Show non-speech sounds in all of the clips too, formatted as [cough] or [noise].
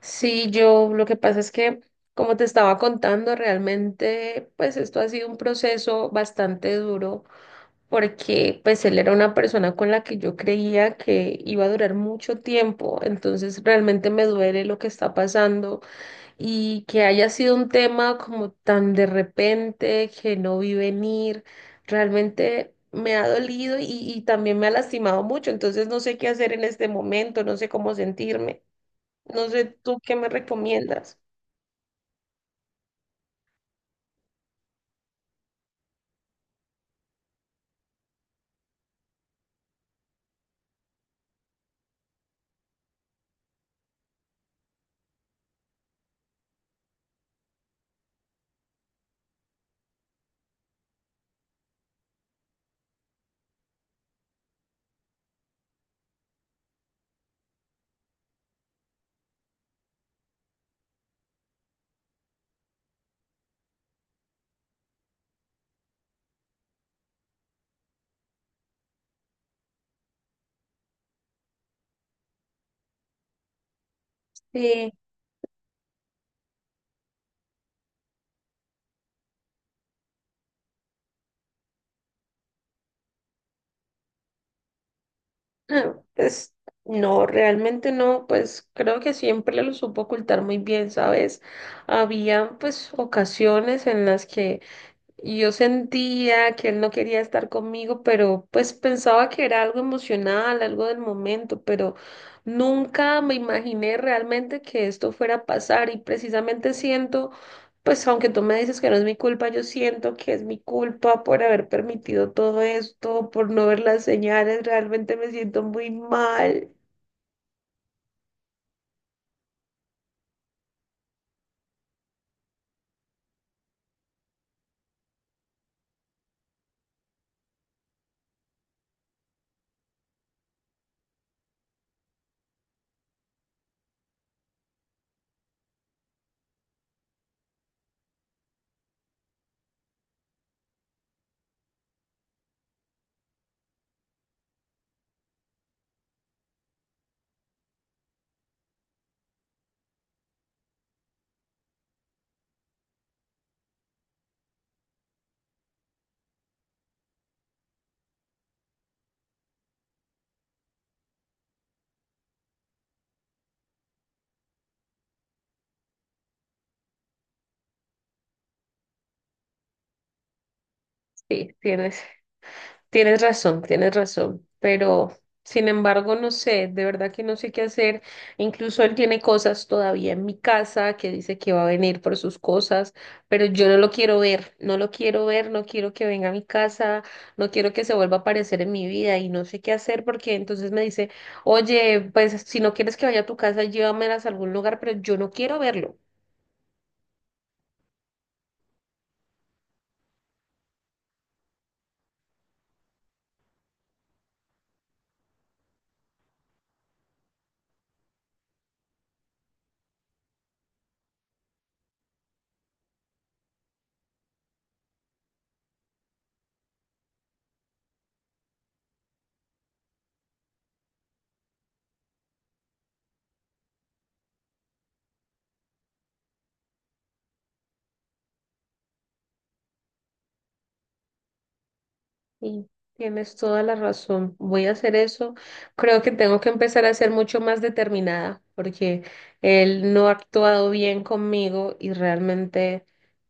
Sí, yo lo que pasa es que, como te estaba contando, realmente, pues esto ha sido un proceso bastante duro porque, pues él era una persona con la que yo creía que iba a durar mucho tiempo, entonces realmente me duele lo que está pasando y que haya sido un tema como tan de repente que no vi venir, realmente me ha dolido y también me ha lastimado mucho, entonces no sé qué hacer en este momento, no sé cómo sentirme. No sé, ¿tú qué me recomiendas? Eh, [clears throat] pues no, realmente no, pues creo que siempre lo supo ocultar muy bien, ¿sabes? Había pues ocasiones en las que y yo sentía que él no quería estar conmigo, pero pues pensaba que era algo emocional, algo del momento, pero nunca me imaginé realmente que esto fuera a pasar y precisamente siento, pues aunque tú me dices que no es mi culpa, yo siento que es mi culpa por haber permitido todo esto, por no ver las señales, realmente me siento muy mal. Sí, tienes. Tienes razón, pero sin embargo, no sé, de verdad que no sé qué hacer. Incluso él tiene cosas todavía en mi casa que dice que va a venir por sus cosas, pero yo no lo quiero ver, no lo quiero ver, no quiero que venga a mi casa, no quiero que se vuelva a aparecer en mi vida y no sé qué hacer porque entonces me dice, oye, pues si no quieres que vaya a tu casa, llévamelas a algún lugar, pero yo no quiero verlo. Sí, tienes toda la razón. Voy a hacer eso. Creo que tengo que empezar a ser mucho más determinada porque él no ha actuado bien conmigo y realmente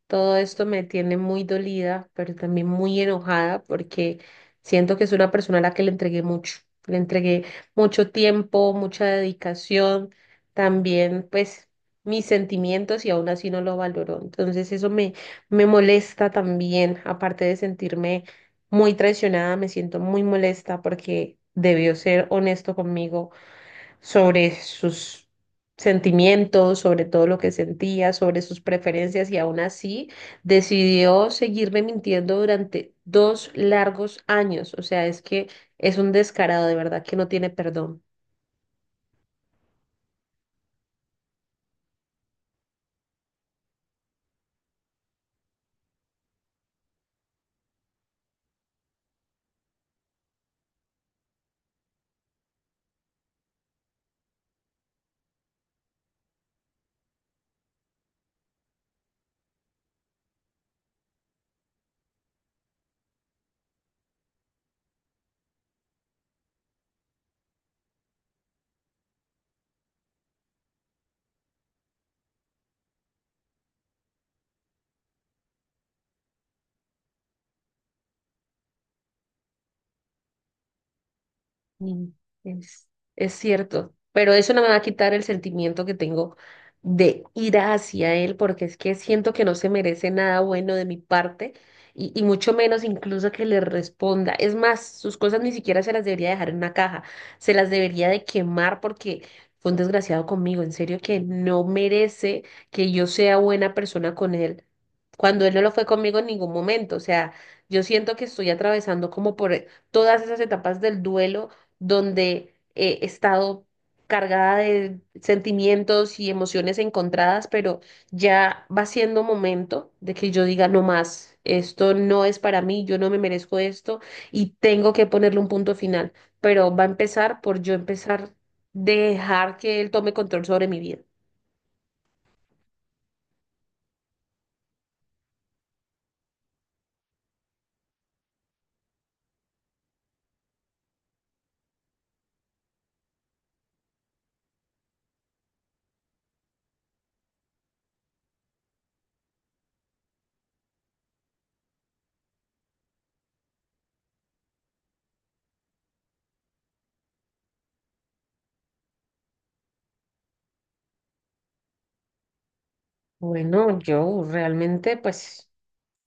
todo esto me tiene muy dolida, pero también muy enojada porque siento que es una persona a la que le entregué mucho. Le entregué mucho tiempo, mucha dedicación, también pues mis sentimientos y aún así no lo valoró. Entonces me molesta también, aparte de sentirme muy traicionada, me siento muy molesta porque debió ser honesto conmigo sobre sus sentimientos, sobre todo lo que sentía, sobre sus preferencias y aún así decidió seguirme mintiendo durante 2 largos años. O sea, es que es un descarado, de verdad que no tiene perdón. Mm, Es, es cierto, pero eso no me va a quitar el sentimiento que tengo de ira hacia él, porque es que siento que no se merece nada bueno de mi parte y mucho menos incluso que le responda. Es más, sus cosas ni siquiera se las debería dejar en una caja, se las debería de quemar porque fue un desgraciado conmigo. En serio que no merece que yo sea buena persona con él cuando él no lo fue conmigo en ningún momento. O sea, yo siento que estoy atravesando como por todas esas etapas del duelo donde he estado cargada de sentimientos y emociones encontradas, pero ya va siendo momento de que yo diga no más, esto no es para mí, yo no me merezco esto y tengo que ponerle un punto final, pero va a empezar por yo empezar dejar que él tome control sobre mi vida. Bueno, yo realmente pues...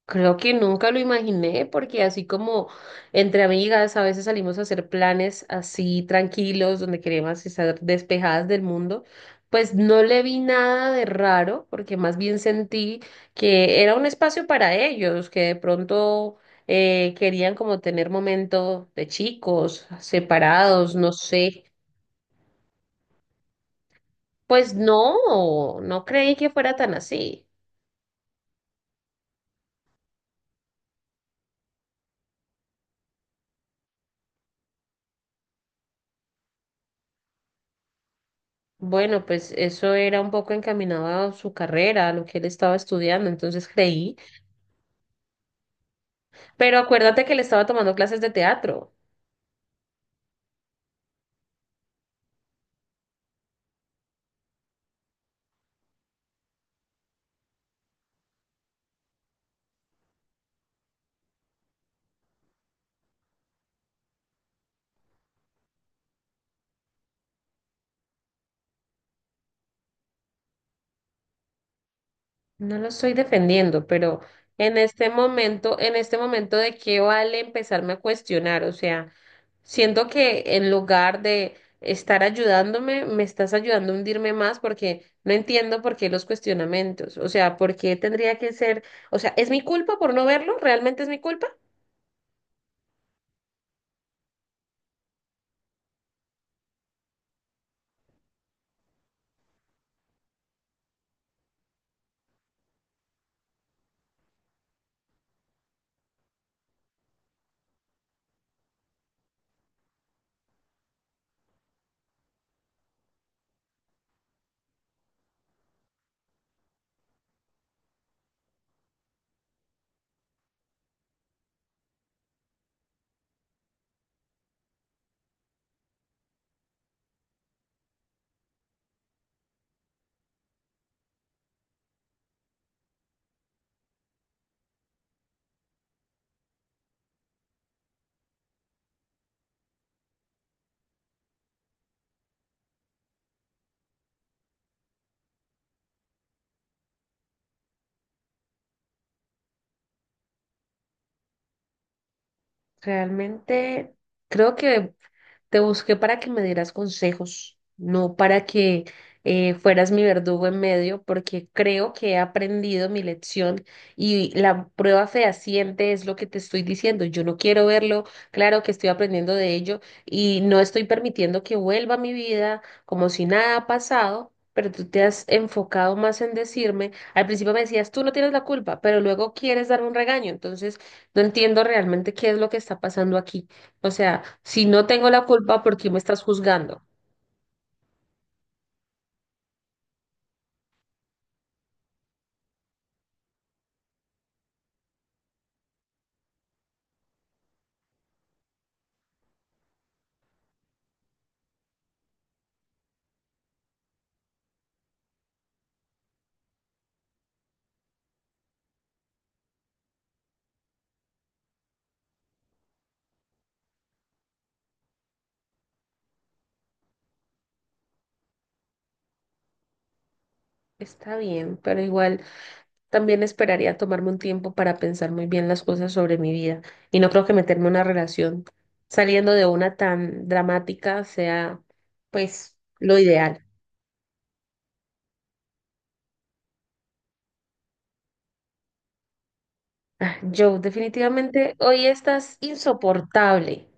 Creo que nunca lo imaginé porque así como entre amigas a veces salimos a hacer planes así tranquilos, donde queremos estar despejadas del mundo, pues no le vi nada de raro porque más bien sentí que era un espacio para ellos, que de pronto querían como tener momentos de chicos separados, no sé. Pues no, no creí que fuera tan así. Bueno, pues eso era un poco encaminado a su carrera, a lo que él estaba estudiando, entonces creí. Pero acuérdate que él estaba tomando clases de teatro. No lo estoy defendiendo, pero en este momento de qué vale empezarme a cuestionar, o sea, siento que en lugar de estar ayudándome, me estás ayudando a hundirme más porque no entiendo por qué los cuestionamientos, o sea, por qué tendría que ser, o sea, ¿es mi culpa por no verlo? ¿Realmente es mi culpa? Realmente creo que te busqué para que me dieras consejos, no para que fueras mi verdugo en medio, porque creo que he aprendido mi lección y la prueba fehaciente es lo que te estoy diciendo. Yo no quiero verlo, claro que estoy aprendiendo de ello y no estoy permitiendo que vuelva a mi vida como si nada ha pasado. Pero tú te has enfocado más en decirme, al principio me decías, tú no tienes la culpa, pero luego quieres darme un regaño, entonces no entiendo realmente qué es lo que está pasando aquí. O sea, si no tengo la culpa, ¿por qué me estás juzgando? Está bien, pero igual también esperaría tomarme un tiempo para pensar muy bien las cosas sobre mi vida. Y no creo que meterme en una relación saliendo de una tan dramática sea, pues, lo ideal. Joe, definitivamente hoy estás insoportable.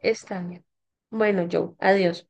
Está bien. Bueno, Joe, adiós.